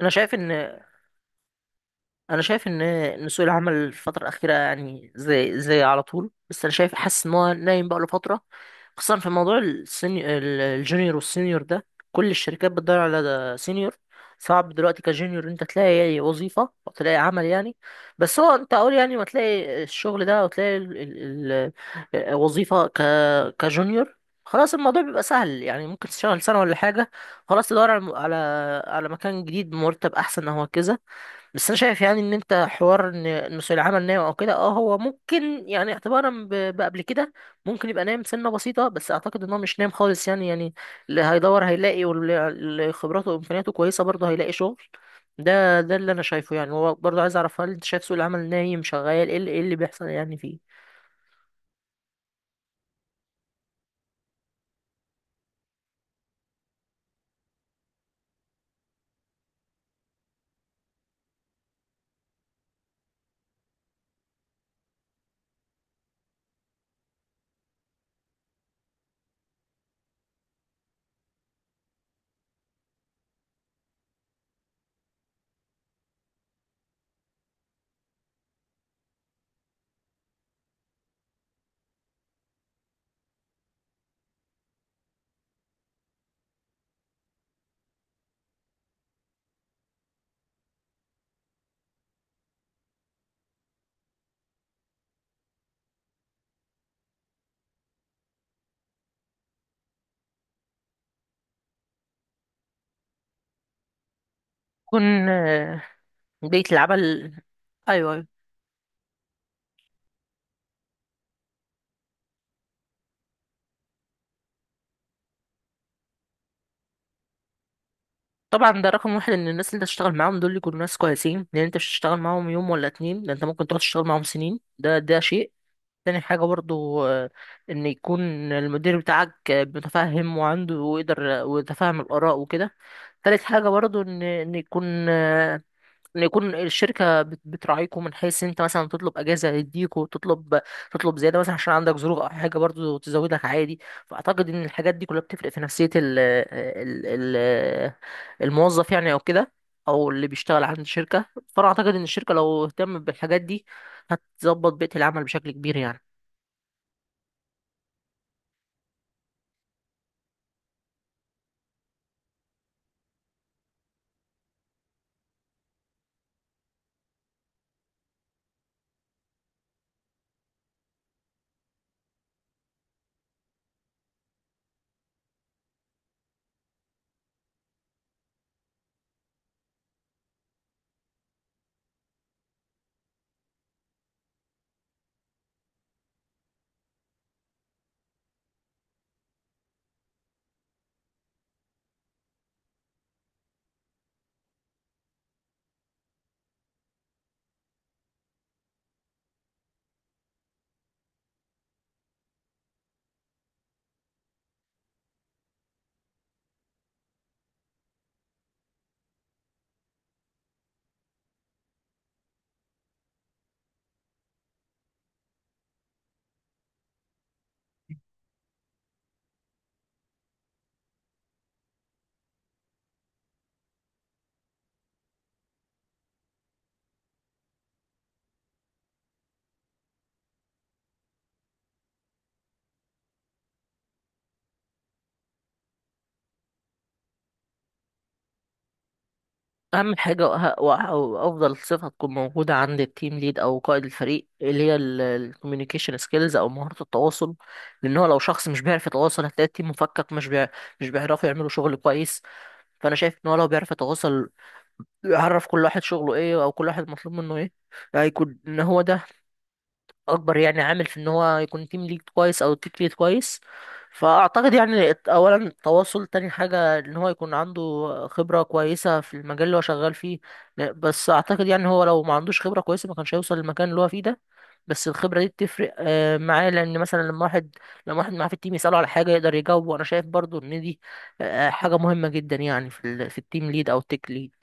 انا شايف ان انا شايف ان سوق العمل الفتره الاخيره يعني زي على طول، بس انا شايف حاسس ان هو نايم بقى له فتره، خصوصا في موضوع الجونيور والسينيور ده. كل الشركات بتدور على ده سينيور. صعب دلوقتي كجونيور إن انت تلاقي وظيفه او تلاقي عمل يعني. بس هو انت اقول يعني ما تلاقي الشغل ده او تلاقي وظيفه كجونيور، خلاص الموضوع بيبقى سهل يعني، ممكن تشتغل سنه ولا حاجه، خلاص تدور على مكان جديد بمرتب احسن او كذا. بس انا شايف يعني ان انت حوار ان إن سوق العمل نايم او كده، هو ممكن يعني اعتبارا بقبل كده، ممكن يبقى نايم سنه بسيطه، بس اعتقد ان هو مش نايم خالص يعني. اللي هيدور هيلاقي، واللي خبراته وامكانياته كويسه برضه هيلاقي شغل. ده اللي انا شايفه يعني. هو برضه عايز اعرف، هل انت شايف سوق العمل نايم؟ شغال، ايه اللي إيه اللي بيحصل يعني فيه؟ يكون بيئه العمل. ايوه ايوه. طبعا ده رقم واحد، ان الناس اللي انت تشتغل معاهم دول يكونوا ناس كويسين، لان انت مش هتشتغل معاهم يوم ولا اتنين، ده انت ممكن تقعد تشتغل معاهم سنين. ده شيء. تاني حاجة برضو إن يكون المدير بتاعك متفهم وعنده ويقدر ويتفهم الآراء وكده. تالت حاجة برضو إن يكون إن يكون الشركة بتراعيكم من حيث أنت مثلا تطلب أجازة يديكوا تطلب زيادة مثلا عشان عندك ظروف أو حاجة برضو تزودك عادي. فأعتقد إن الحاجات دي كلها بتفرق في نفسية ال ال ال الموظف يعني أو كده، أو اللي بيشتغل عند الشركة. فأنا أعتقد إن الشركة لو اهتمت بالحاجات دي هتظبط بيئة العمل بشكل كبير يعني. اهم حاجه وافضل صفه تكون موجوده عند التيم ليد او قائد الفريق اللي هي الكوميونيكيشن سكيلز او مهاره التواصل، لان هو لو شخص مش بيعرف يتواصل هتلاقي التيم مفكك، مش بيعرفوا يعملوا شغل كويس. فانا شايف ان هو لو بيعرف يتواصل، يعرف كل واحد شغله ايه او كل واحد مطلوب منه ايه، هيكون ان هو ده اكبر يعني عامل في ان هو يكون تيم ليد كويس او تيم ليد كويس. فاعتقد يعني اولا التواصل. تاني حاجه ان هو يكون عنده خبره كويسه في المجال اللي هو شغال فيه. بس اعتقد يعني هو لو ما عندوش خبره كويسه ما كانش هيوصل للمكان اللي هو فيه ده. بس الخبره دي بتفرق معاه، لان مثلا لما واحد معاه في التيم يساله على حاجه يقدر يجاوبه. وانا شايف برضو ان دي حاجه مهمه جدا يعني في التيم ليد او التيك ليد.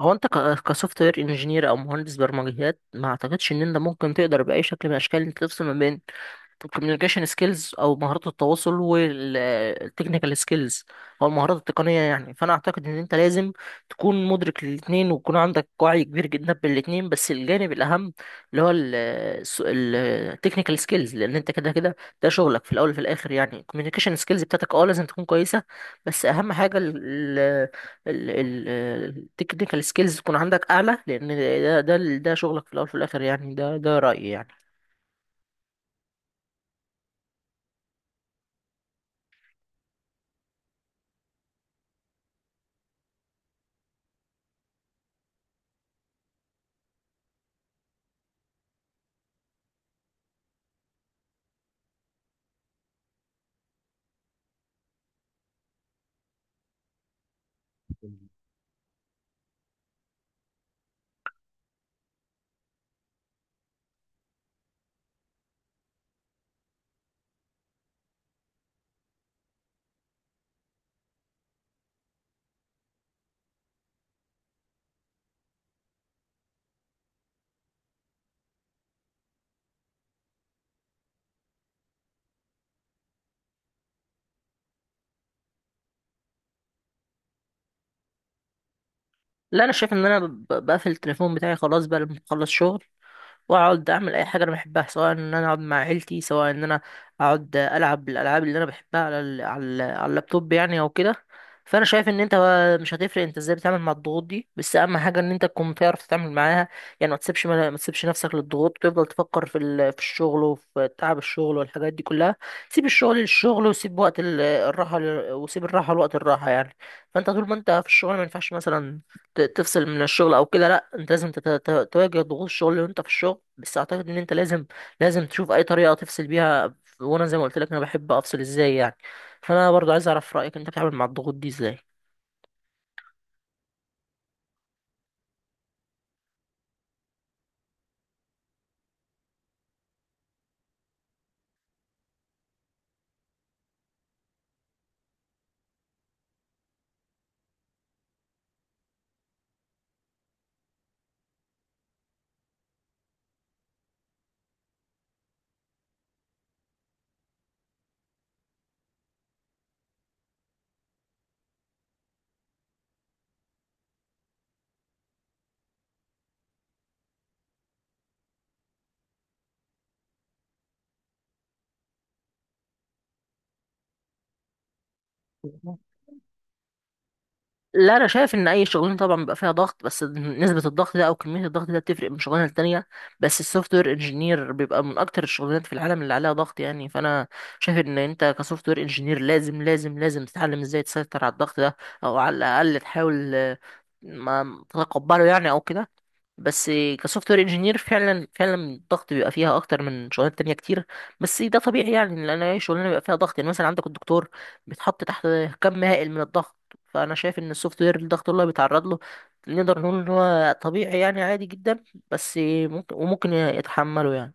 هو انت كسوفت وير انجينير او مهندس برمجيات، ما اعتقدش ان انت ممكن تقدر باي شكل من الاشكال انت تفصل ما بين الكوميونيكيشن سكيلز او مهارات التواصل والتكنيكال سكيلز او المهارات التقنيه يعني. فانا اعتقد ان انت لازم تكون مدرك للاثنين، ويكون عندك وعي كبير جدا بالاثنين، بس الجانب الاهم اللي هو التكنيكال سكيلز، لان انت كده كده ده شغلك في الاول وفي الاخر يعني. الكوميونيكيشن سكيلز بتاعتك لازم تكون كويسه، بس اهم حاجه التكنيكال سكيلز تكون عندك اعلى، لان ده شغلك في الاول وفي الاخر يعني. ده رايي يعني. لا انا شايف ان انا بقفل التليفون بتاعي خلاص بقى لما بخلص شغل، واقعد اعمل اي حاجه انا بحبها، سواء ان انا اقعد مع عيلتي، سواء ان انا اقعد العب الالعاب اللي انا بحبها على اللابتوب يعني او كده. فانا شايف ان انت بقى مش هتفرق انت ازاي بتتعامل مع الضغوط دي، بس اهم حاجه ان انت تكون بتعرف تتعامل معاها، يعني ما تسيبش نفسك للضغوط، وتفضل تفكر في الشغل وفي تعب الشغل والحاجات دي كلها. سيب الشغل للشغل، وسيب وقت الراحه وسيب الراحه لوقت الراحه يعني. فانت طول ما انت في الشغل ما ينفعش مثلا تفصل من الشغل او كده، لا انت لازم تواجه ضغوط الشغل وانت في الشغل، بس اعتقد ان انت لازم تشوف اي طريقه تفصل بيها. وانا زي ما قلت لك انا بحب افصل ازاي يعني. فانا برضو عايز اعرف رايك، انت بتتعامل مع الضغوط دي ازاي؟ لا انا شايف ان اي شغلانه طبعا بيبقى فيها ضغط، بس نسبه الضغط ده او كميه الضغط ده بتفرق من شغلانه للتانيه. بس السوفت وير انجينير بيبقى من اكتر الشغلانات في العالم اللي عليها ضغط يعني. فانا شايف ان انت كسوفت وير انجينير لازم لازم لازم تتعلم ازاي تسيطر على الضغط ده، او على الاقل تحاول ما تتقبله يعني او كده. بس كسوفت وير انجينير فعلا فعلا الضغط بيبقى فيها اكتر من شغلانات تانية كتير، بس ده طبيعي يعني، لان اي شغلانه بيبقى فيها ضغط يعني. مثلا عندك الدكتور بيتحط تحت كم هائل من الضغط. فانا شايف ان السوفت وير، الضغط اللي هو بيتعرض له نقدر نقول ان هو طبيعي يعني، عادي جدا، بس ممكن وممكن يتحمله يعني.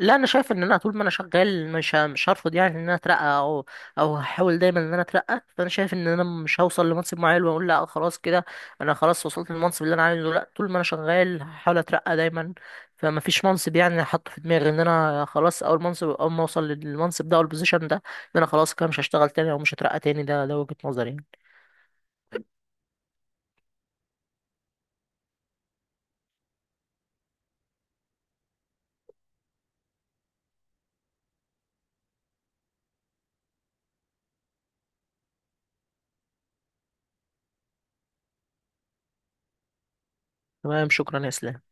لا انا شايف ان انا طول ما انا شغال مش هرفض يعني ان انا اترقى، او هحاول دايما ان انا اترقى. فانا شايف ان انا مش هوصل لمنصب معين واقول لا خلاص كده، انا خلاص وصلت للمنصب اللي انا عايزه، لا طول ما انا شغال هحاول اترقى دايما. فما فيش منصب يعني حاطه في دماغي ان انا خلاص، اول منصب اول ما اوصل للمنصب ده او البوزيشن ده ان انا خلاص كده مش هشتغل تاني او مش هترقى تاني. ده وجهة نظري يعني. تمام، شكرا يا اسلام.